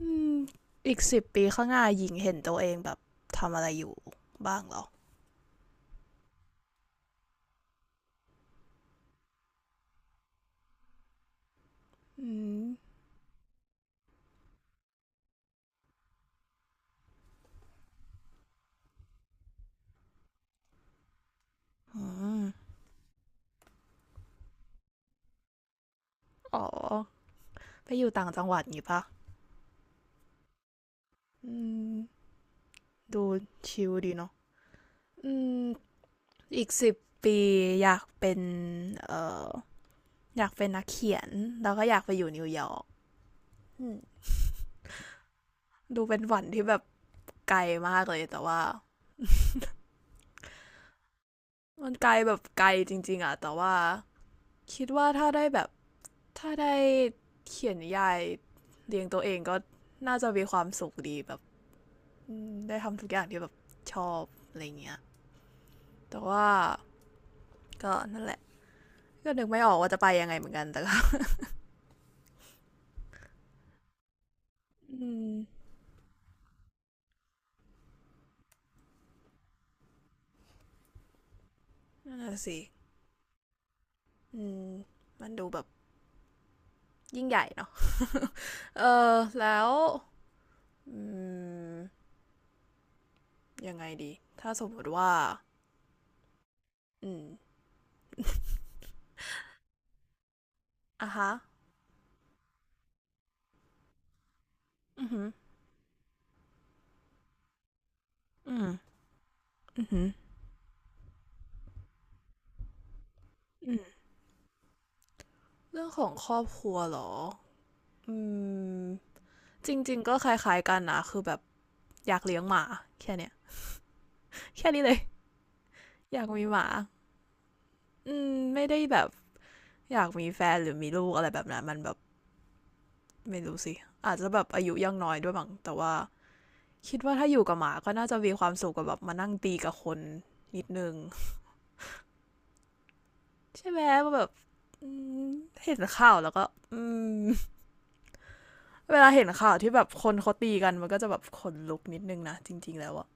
อืมอีกสิบปีข้างหน้าหญิงเห็นตัวเองแบบทำอะไรอยู่บ้างเหรออืมอืมอ๋อไปอยู่ต่างจังหวัดงี้ปะอืมดูชิลดีเนาะอืมอีกสิบปีอยากเป็นเอ่ออยากเป็นนักเขียนแล้วก็อยากไปอยู่นิวยอร์กอืมดูเป็นฝันที่แบบไกลมากเลยแต่ว่ามันไกลแบบไกลจริงๆอะแต่ว่าคิดว่าถ้าได้แบบ ถ้าได้เขียนนิยายเลี้ยงตัวเองก็น่าจะมีความสุขดีแบบอืมได้ทำทุกอย่างที่แบบชอบอะไรเงี้ยแต่ว่าก็นั่นแหละก็นึกไม่ออกว่าจะไปยังไงเหมือนกันแต่ก็ อืมนั่นแหละสิอืมมันดูแบบยิ่งใหญ่เนาะเออแล้วอืมยังไงดีถ้าสมมติว่าอืมอ่ะฮะอือหืออืมอือหือเรื่องของครอบครัวเหรออืมจริงๆก็คล้ายๆกันนะคือแบบ อยากเลี้ยงหมาแค่เนี้ยแค่นี้เลยอยากมีหมาอืมไม่ได้แบบอยากมีแฟนหรือมีลูกอะไรแบบนั้นมันแบบไม่รู้สิอาจจะแบบอายุยังน้อยด้วยมั้งแต่ว่าคิดว่าถ้าอยู่กับหมาก็น่าจะมีความสุขกับแบบมานั่งตีกับคนนิดนึงใช่ไหม่แบบอืมเห็นข่าวแล้วก็เวลาเห็นข่าวที่แบบคนเขาตีกันมันก็จะแบบขนลุกนิดนึงนะจริงๆแล้วอะ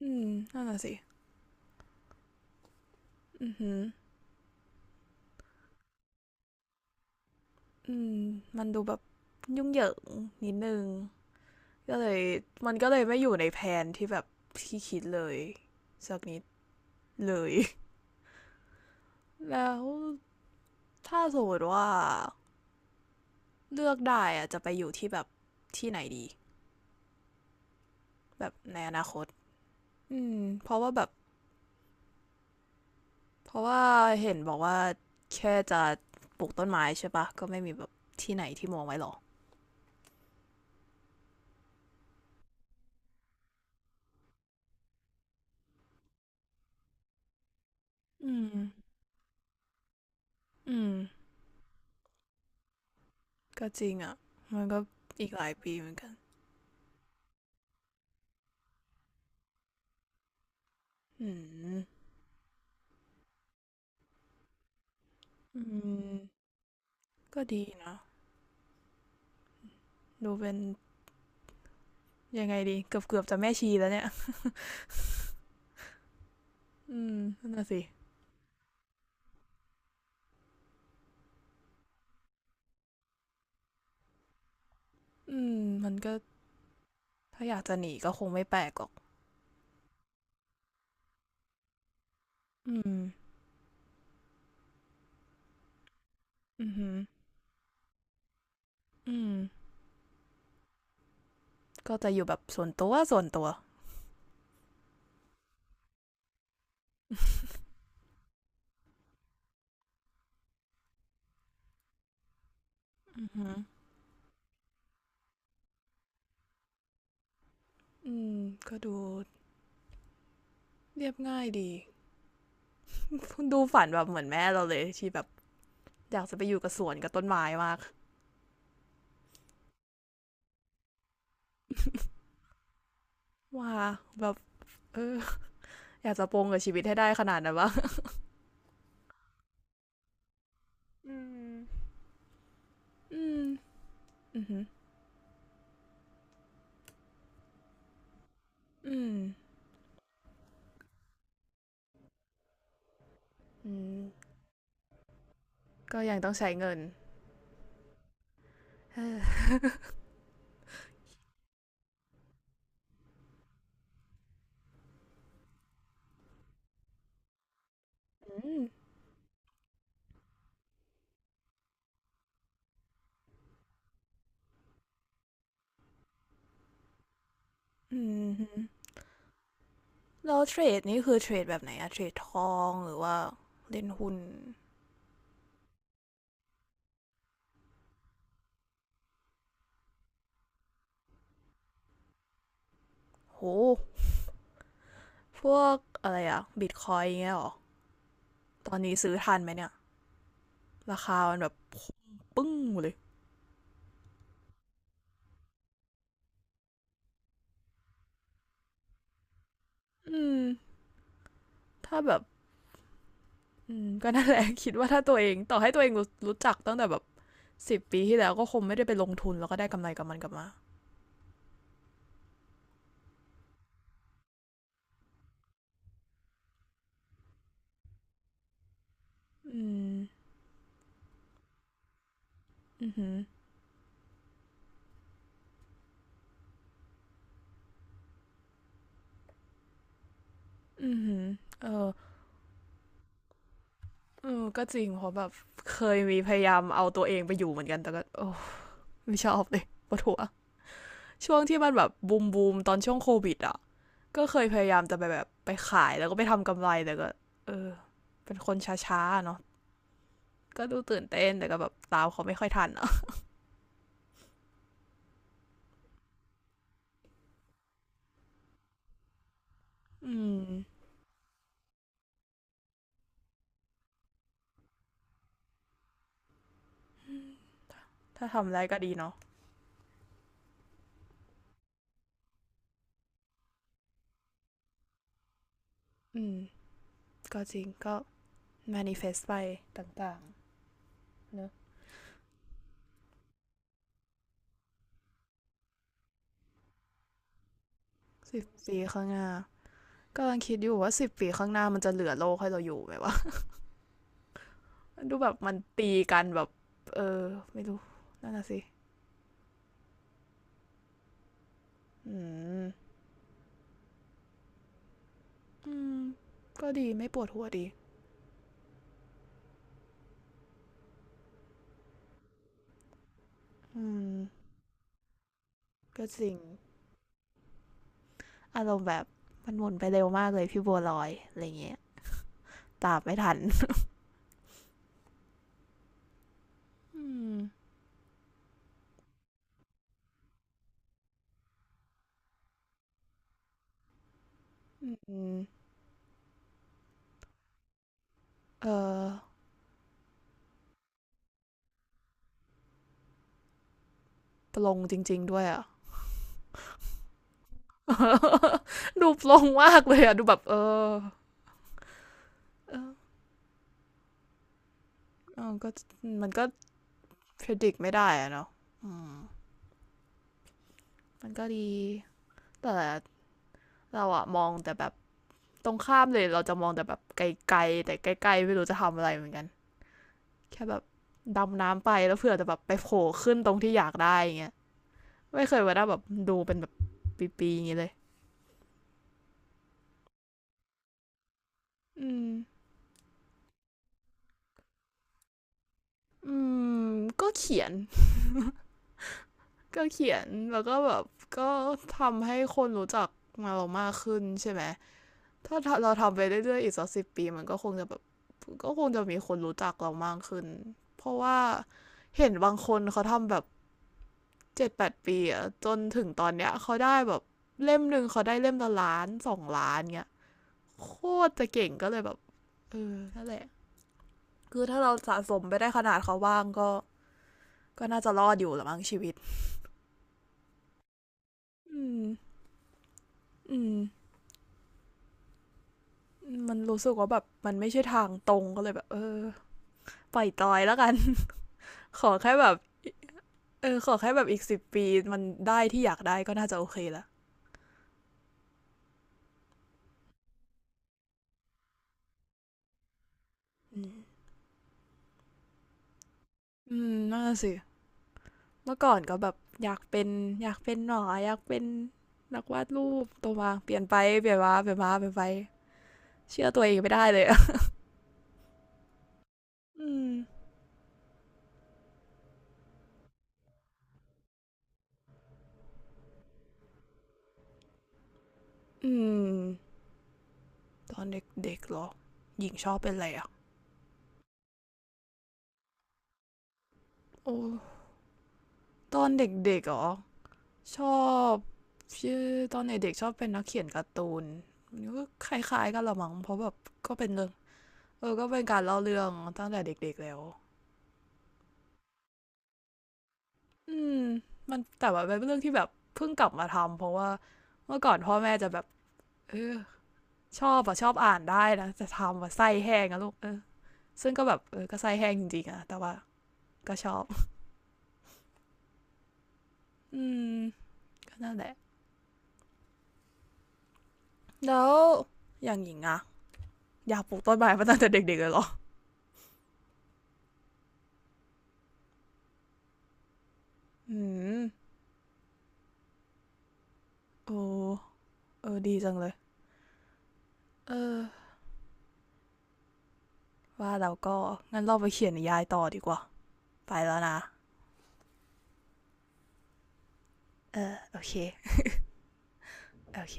อืมนั่นน่ะสิอือหอืมมันดูแบบยุ่งเหยิงนิดนึง ก็เลยมันก็เลยไม่อยู่ในแผนที่แบบที่คิดเลยสักนิดเลย แล้วถ้าสมมติว่าเลือกได้อะจะไปอยู่ที่แบบที่ไหนดีแบบในอนาคตอืมเพราะว่าแบบเพราะว่าเห็นบอกว่าแค่จะปลูกต้นไม้ใช่ปะก็ไม่มีแบบที่ไหนที่มองไว้หรออืมอืมก็จริงอ่ะมันก็อีกหลายปีเหมือนกันอืมอืมก็ดีนะดูเป็นยังไงดีเกือบจะแม่ชีแล้วเนี่ย อืมนั่นน่ะสิอืมมันก็ถ้าอยากจะหนีก็คงไม่แปลกหรอกอืมอือหืออืมก็จะอยู่แบบส่วนตัวส่วนตัวอือหืออืมก็ดูเรียบง่ายดี ดูฝันแบบเหมือนแม่เราเลยที่แบบอยากจะไปอยู่กับสวนกับต้นไม้มากว่าแบบเอออยากจะปลงกับชีวิตให้ได้ขนาดนั้นวะอืมอืมอือหืออืมอืมก็ยังต้องใช้เงินเอออืมอืม แล้วเทรดนี่คือเทรดแบบไหนอะเทรดทองหรือว่าเล่นหุ้นโหพวกอะไรอะบิตคอยน์เงี้ยหรอตอนนี้ซื้อทันไหมเนี่ยราคามันแบบปึ้งเลยอืมถ้าแบบอืมก็นั่นแหละคิดว่าถ้าตัวเองต่อให้ตัวเองรู้จักตั้งแต่แบบสิบปีที่แล้วก็คงไม่ได้ไปลงทุนแล้วก็ได้กำไรกับมันกลับมาอืมอือหืออือหือเออเออก็จริงเพราะแบบเคยมีพยายามเอาตัวเองไปอยู่เหมือนกันแต่ก็โอ้ไม่ชอบเลยปวดหัว ช่วงที่มันแบบบูมบูมตอนช่วงโควิดอ่ะก็เคยพยายามจะไปแบบไปขายแล้วก็ไปทำกำไรแต่ก็เออเป็นคนช้าๆเนาะก็ดูตื่นเต้นแต่ก็แบบตามเขาไม่ค่อยทันอ่ะอืมถ้าทำได้ก็ดีเนาะอืมก็จริงก็ manifest ไปต่างๆเนอะสิบปีข้างหน้ากำลังคิดอยู่ว่าสิบปีข้างหน้ามันจะเหลือโลกให้เราอยู่ไหมวะดูแบบมันตีกันแบบเออไม่รู้นั่นน่ะสิอืมอืมก็ดีไม่ปวดหัวดีอืม ก็จริงอารมณ์แบบมันหมุนไปเร็วมากเลยพี่บัวลอยอะไรเงี้ยตามไม่ทันอืมอืมเออ ปลงจริงๆด้วยอ่ะ ดูปลงมากเลยอ่ะดูแบบเออเออเออก็มันก็ predict ไม่ได้อะเนาะอืมมันก็ดี แต่เราอะมองแต่แบบตรงข้ามเลยเราจะมองแต่แบบไกลๆแต่ใกล้ๆไม่รู้จะทำอะไรเหมือนกัน แค่แบบดำน้ำไปแล้วเผื่อจะแบบไปโผล่ขึ้นตรงที่อยากได้อย่างเงี้ย ไม่เคยว่าได้แบบดูเป็นแบบปีๆอย่างนี้เลยอืมอืมก็เขียนก็เขียน แล้วก็แบบก็ทำให้คนรู้จักมาเรามากขึ้นใช่ไหม ถ้าเราทำไปเรื่อยๆอีกสักสิบปีมันก็คงจะแบบก็คงจะมีคนรู้จักเรามากขึ้น เพราะว่าเห็นบางคนเขาทำแบบเจ็ดแปดปีอะจนถึงตอนเนี้ยเขาได้แบบเล่มหนึ่งเขาได้เล่มละล้านสองล้านเงี้ยโคตรจะเก่งก็เลยแบบเออนั่นแหละ คือถ้าเราสะสมไปได้ขนาดเขาบ้างก็ก็น่าจะรอดอยู่ละมั้งชีวิตอืมอืมมันรู้สึกว่าแบบมันไม่ใช่ทางตรงก็เลยแบบเออปล่อยตอยแล้วกัน ขอแค่แบบเออขอแค่แบบอีกสิบปีมันได้ที่อยากได้ก็น่าจะโอเคละอืมอืมน่าสิเมื่อก่อนก็แบบอยากเป็นอยากเป็นหนออยากเป็นนักวาดรูปตัวมาเปลี่ยนไปเปลี่ยนมาเปลี่ยนมาเปลี่ยนไปเชื่อตัวเองไม่ได้เลย อืมอืมตอนเด็กๆเหรอหญิงชอบเป็นอะไรอ่ะโอ้ ตอนเด็กๆเหรอชอบชื่อตอนเด็กๆชอบเป็นนักเขียนการ์ตูนมันก็คล้ายๆกันละมั้งเพราะแบบก็เป็นเรื่องเออก็เป็นการเล่าเรื่องตั้งแต่เด็กๆแล้วอืมมันแต่ว่าเป็นเรื่องที่แบบเพิ่งกลับมาทำเพราะว่าเมื่อก่อนพ่อแม่จะแบบเออชอบอะชอบอ่านได้นะจะทำว่าไส้แห้งอะลูกเออซึ่งก็แบบเออก็ไส้แห้งจริงๆอะแต่ว่าก็ชอบอืมก็นั่นแหละแล้วอย่างหญิงอะอยากปลูกต้นไม้มาตั้งแต่เด็กๆเลยเหรออืม โอ้ เออดีจังเลย เออ ว่าเราก็งั้นเราไปเขียนนิยายต่อดีกว่า ไปแล้วนะ โอเค โอเค